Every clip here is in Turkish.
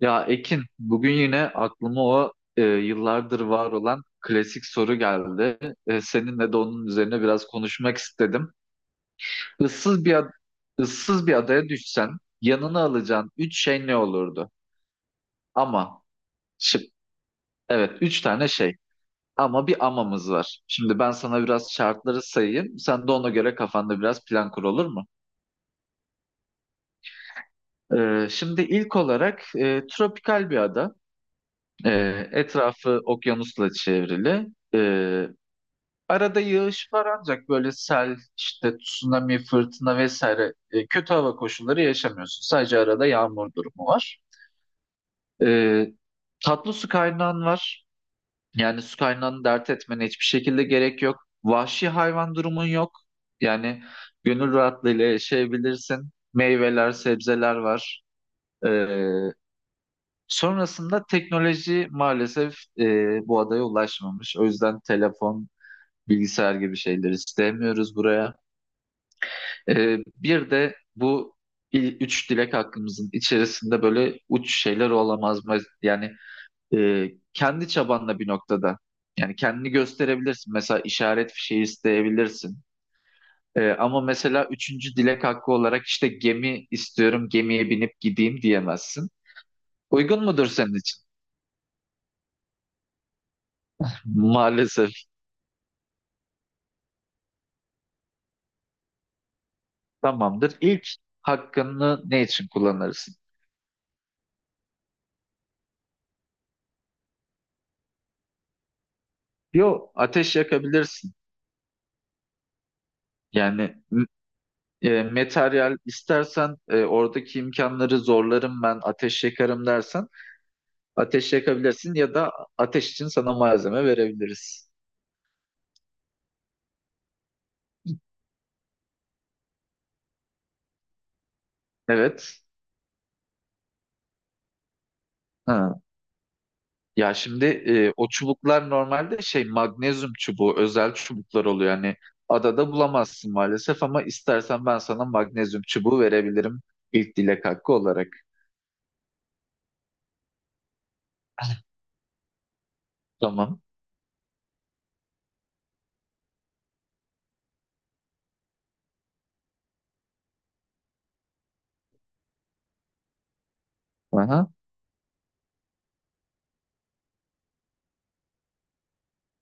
Ya Ekin, bugün yine aklıma o yıllardır var olan klasik soru geldi. Seninle de onun üzerine biraz konuşmak istedim. Issız bir ad- ıssız bir adaya düşsen yanına alacağın üç şey ne olurdu? Ama şıp, evet üç tane şey. Ama bir amamız var. Şimdi ben sana biraz şartları sayayım. Sen de ona göre kafanda biraz plan kur, olur mu? Şimdi ilk olarak tropikal bir ada. E, Etrafı okyanusla çevrili. E, Arada yağış var ancak böyle sel, işte tsunami, fırtına vesaire kötü hava koşulları yaşamıyorsun. Sadece arada yağmur durumu var. E, Tatlı su kaynağın var. Yani su kaynağını dert etmene hiçbir şekilde gerek yok. Vahşi hayvan durumun yok. Yani gönül rahatlığıyla yaşayabilirsin. Meyveler, sebzeler var. E, Sonrasında teknoloji maalesef bu adaya ulaşmamış. O yüzden telefon, bilgisayar gibi şeyleri istemiyoruz buraya. Bir de bu üç dilek hakkımızın içerisinde böyle uç şeyler olamaz mı? Yani kendi çabanla bir noktada. Yani kendini gösterebilirsin. Mesela işaret fişeği isteyebilirsin. Ama mesela üçüncü dilek hakkı olarak işte gemi istiyorum, gemiye binip gideyim diyemezsin. Uygun mudur senin için? Maalesef. Tamamdır. İlk hakkını ne için kullanırsın? Yo, ateş yakabilirsin. Yani materyal istersen oradaki imkanları zorlarım ben ateş yakarım dersen ateş yakabilirsin ya da ateş için sana malzeme verebiliriz. Evet. Ha. Ya şimdi o çubuklar normalde şey magnezyum çubuğu, özel çubuklar oluyor. Yani adada bulamazsın maalesef, ama istersen ben sana magnezyum çubuğu verebilirim ilk dilek hakkı olarak. Tamam. Aha.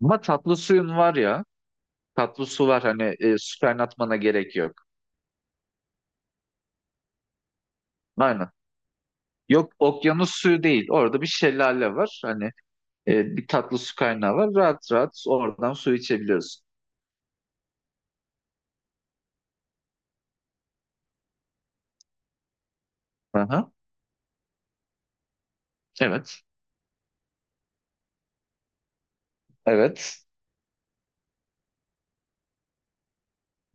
Ama tatlı suyun var ya, tatlı su var, hani su kaynatmana gerek yok. Aynen. Yok, okyanus suyu değil. Orada bir şelale var. Hani bir tatlı su kaynağı var. Rahat rahat oradan su içebiliyorsun. Aha. Evet. Evet.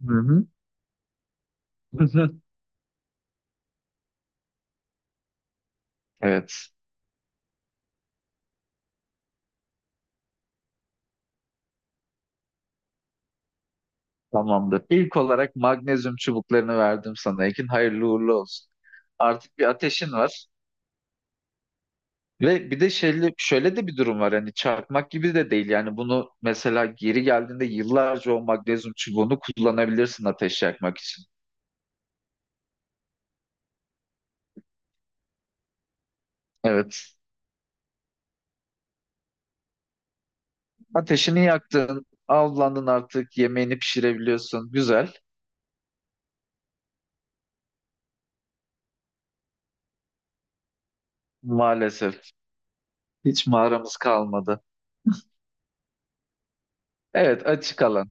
Hı hı. Evet. Tamamdır. İlk olarak magnezyum çubuklarını verdim sana Ekin. Hayırlı uğurlu olsun. Artık bir ateşin var. Ve bir de şöyle, şöyle de bir durum var. Hani çarpmak gibi de değil. Yani bunu mesela geri geldiğinde yıllarca o magnezyum çubuğunu kullanabilirsin ateş yakmak için. Evet. Ateşini yaktın, avlandın artık, yemeğini pişirebiliyorsun. Güzel. Maalesef hiç mağaramız kalmadı. Evet, açık alan.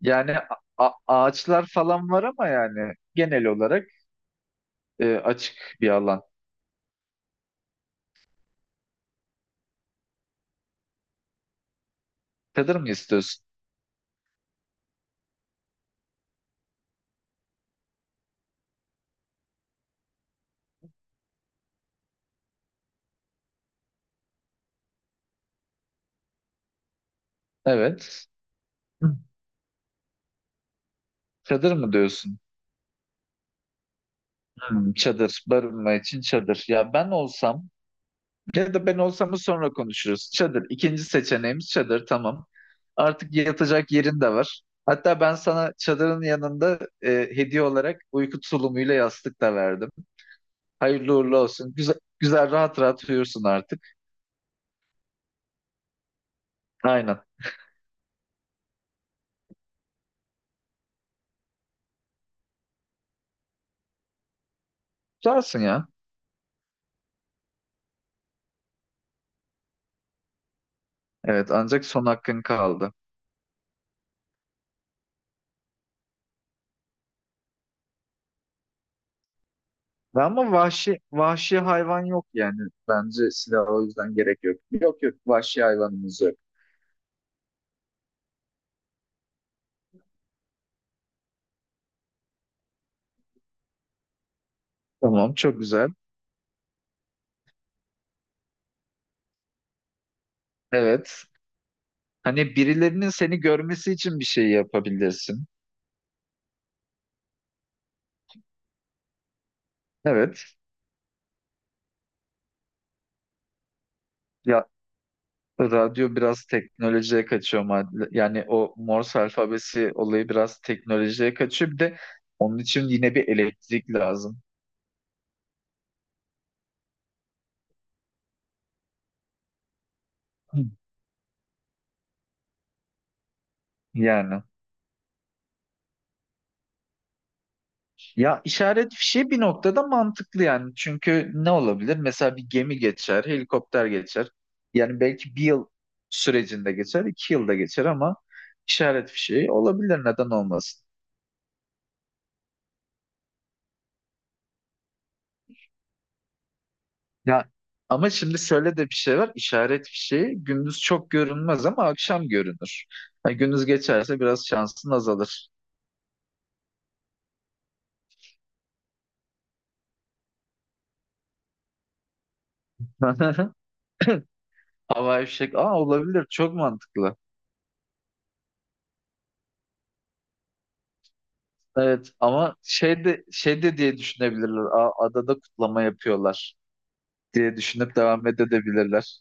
Yani ağaçlar falan var ama yani genel olarak açık bir alan. Çadır mı istiyorsun? Evet. Hı. Çadır mı diyorsun? Hmm, çadır, barınma için çadır. Ya ben olsam, ya da ben olsam sonra konuşuruz. Çadır. İkinci seçeneğimiz çadır. Tamam. Artık yatacak yerin de var. Hatta ben sana çadırın yanında hediye olarak uyku tulumuyla yastık da verdim. Hayırlı uğurlu olsun. Güzel, güzel, rahat rahat uyursun artık. Aynen. Tutarsın ya. Evet, ancak son hakkın kaldı. Ve ama vahşi hayvan yok yani. Bence silah o yüzden gerek yok. Yok yok, vahşi hayvanımız yok. Tamam, çok güzel. Evet. Hani birilerinin seni görmesi için bir şey yapabilirsin. Evet. Ya, radyo biraz teknolojiye kaçıyor. Yani o Morse alfabesi olayı biraz teknolojiye kaçıyor. Bir de onun için yine bir elektrik lazım. Hı. Yani. Ya işaret fişi bir noktada mantıklı yani. Çünkü ne olabilir? Mesela bir gemi geçer, helikopter geçer. Yani belki bir yıl sürecinde geçer, iki yılda geçer, ama işaret fişi olabilir. Neden olmasın? Ya, ama şimdi şöyle de bir şey var. İşaret fişeği gündüz çok görünmez ama akşam görünür. Ha, gündüz geçerse biraz şansın azalır. Havai fişek. Aa, olabilir. Çok mantıklı. Evet ama şey de diye düşünebilirler. Aa, adada kutlama yapıyorlar diye düşünüp devam edebilirler.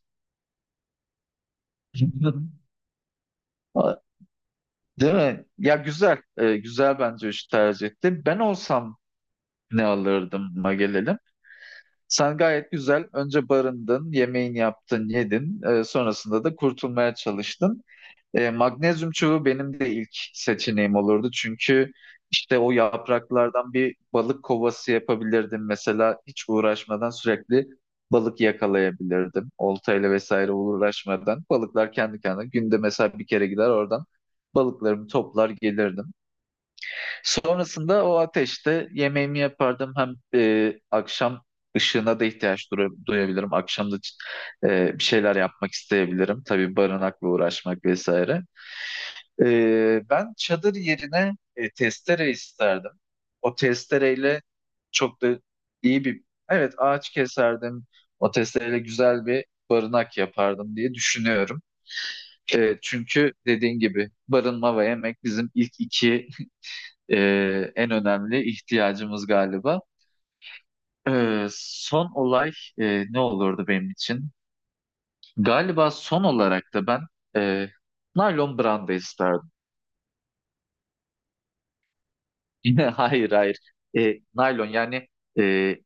Aa, değil mi? Ya güzel. Güzel, bence üç tercih etti. Ben olsam ne alırdım? Gelelim. Sen gayet güzel önce barındın, yemeğini yaptın, yedin. Sonrasında da kurtulmaya çalıştın. Magnezyum çubuğu benim de ilk seçeneğim olurdu. Çünkü işte o yapraklardan bir balık kovası yapabilirdim. Mesela hiç uğraşmadan sürekli balık yakalayabilirdim. Oltayla vesaire uğraşmadan. Balıklar kendi kendine günde mesela bir kere gider, oradan balıklarımı toplar gelirdim. Sonrasında o ateşte yemeğimi yapardım. Hem akşam ışığına da ihtiyaç duyabilirim. Akşam da bir şeyler yapmak isteyebilirim. Tabii barınakla uğraşmak vesaire. Ben çadır yerine testere isterdim. O testereyle çok da iyi bir... Evet, ağaç keserdim. O testereyle güzel bir barınak yapardım diye düşünüyorum. Çünkü dediğin gibi barınma ve yemek bizim ilk iki en önemli ihtiyacımız galiba. Son olay ne olurdu benim için? Galiba son olarak da ben e, naylon branda isterdim. Yine hayır hayır. Naylon yani e,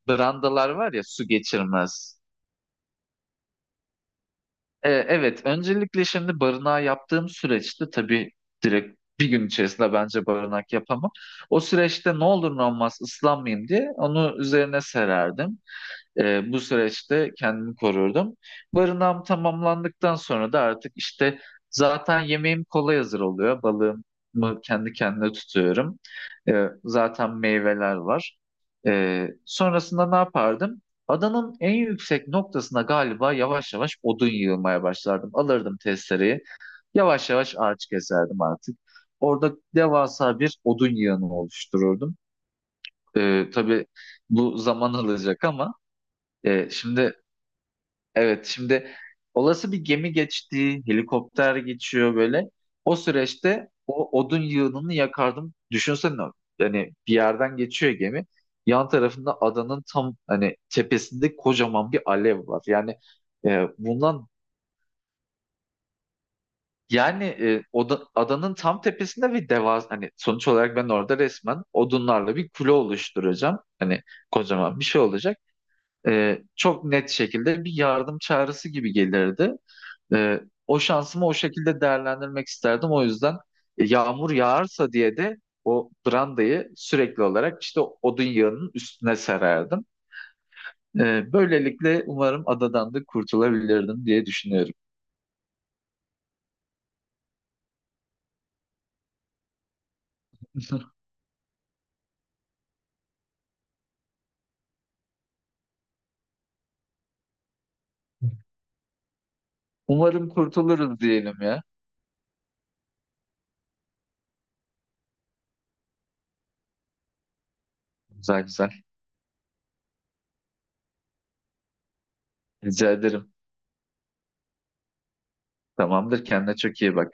brandalar var ya, su geçirmez. Evet, öncelikle şimdi barınağı yaptığım süreçte tabii direkt bir gün içerisinde bence barınak yapamam. O süreçte ne olur ne olmaz, ıslanmayayım diye onu üzerine sererdim. Bu süreçte kendimi korurdum. Barınağım tamamlandıktan sonra da artık işte zaten yemeğim kolay hazır oluyor. Balığımı kendi kendine tutuyorum. Zaten meyveler var. Sonrasında ne yapardım? Adanın en yüksek noktasına galiba yavaş yavaş odun yığmaya başlardım. Alırdım testereyi. Yavaş yavaş ağaç keserdim artık. Orada devasa bir odun yığını oluştururdum. Tabii bu zaman alacak ama e, şimdi Evet, şimdi olası bir gemi geçti, helikopter geçiyor böyle. O süreçte o odun yığınını yakardım. Düşünsene hani bir yerden geçiyor gemi. Yan tarafında adanın tam hani tepesinde kocaman bir alev var. Yani bundan yani adanın tam tepesinde bir devas, hani sonuç olarak ben orada resmen odunlarla bir kule oluşturacağım. Hani kocaman bir şey olacak. Çok net şekilde bir yardım çağrısı gibi gelirdi. E, O şansımı o şekilde değerlendirmek isterdim. O yüzden yağmur yağarsa diye de o brandayı sürekli olarak işte odun yağının üstüne sererdim. Böylelikle umarım adadan da kurtulabilirdim diye düşünüyorum. Umarım kurtuluruz diyelim ya. Güzel güzel. Rica ederim. Tamamdır. Kendine çok iyi bak.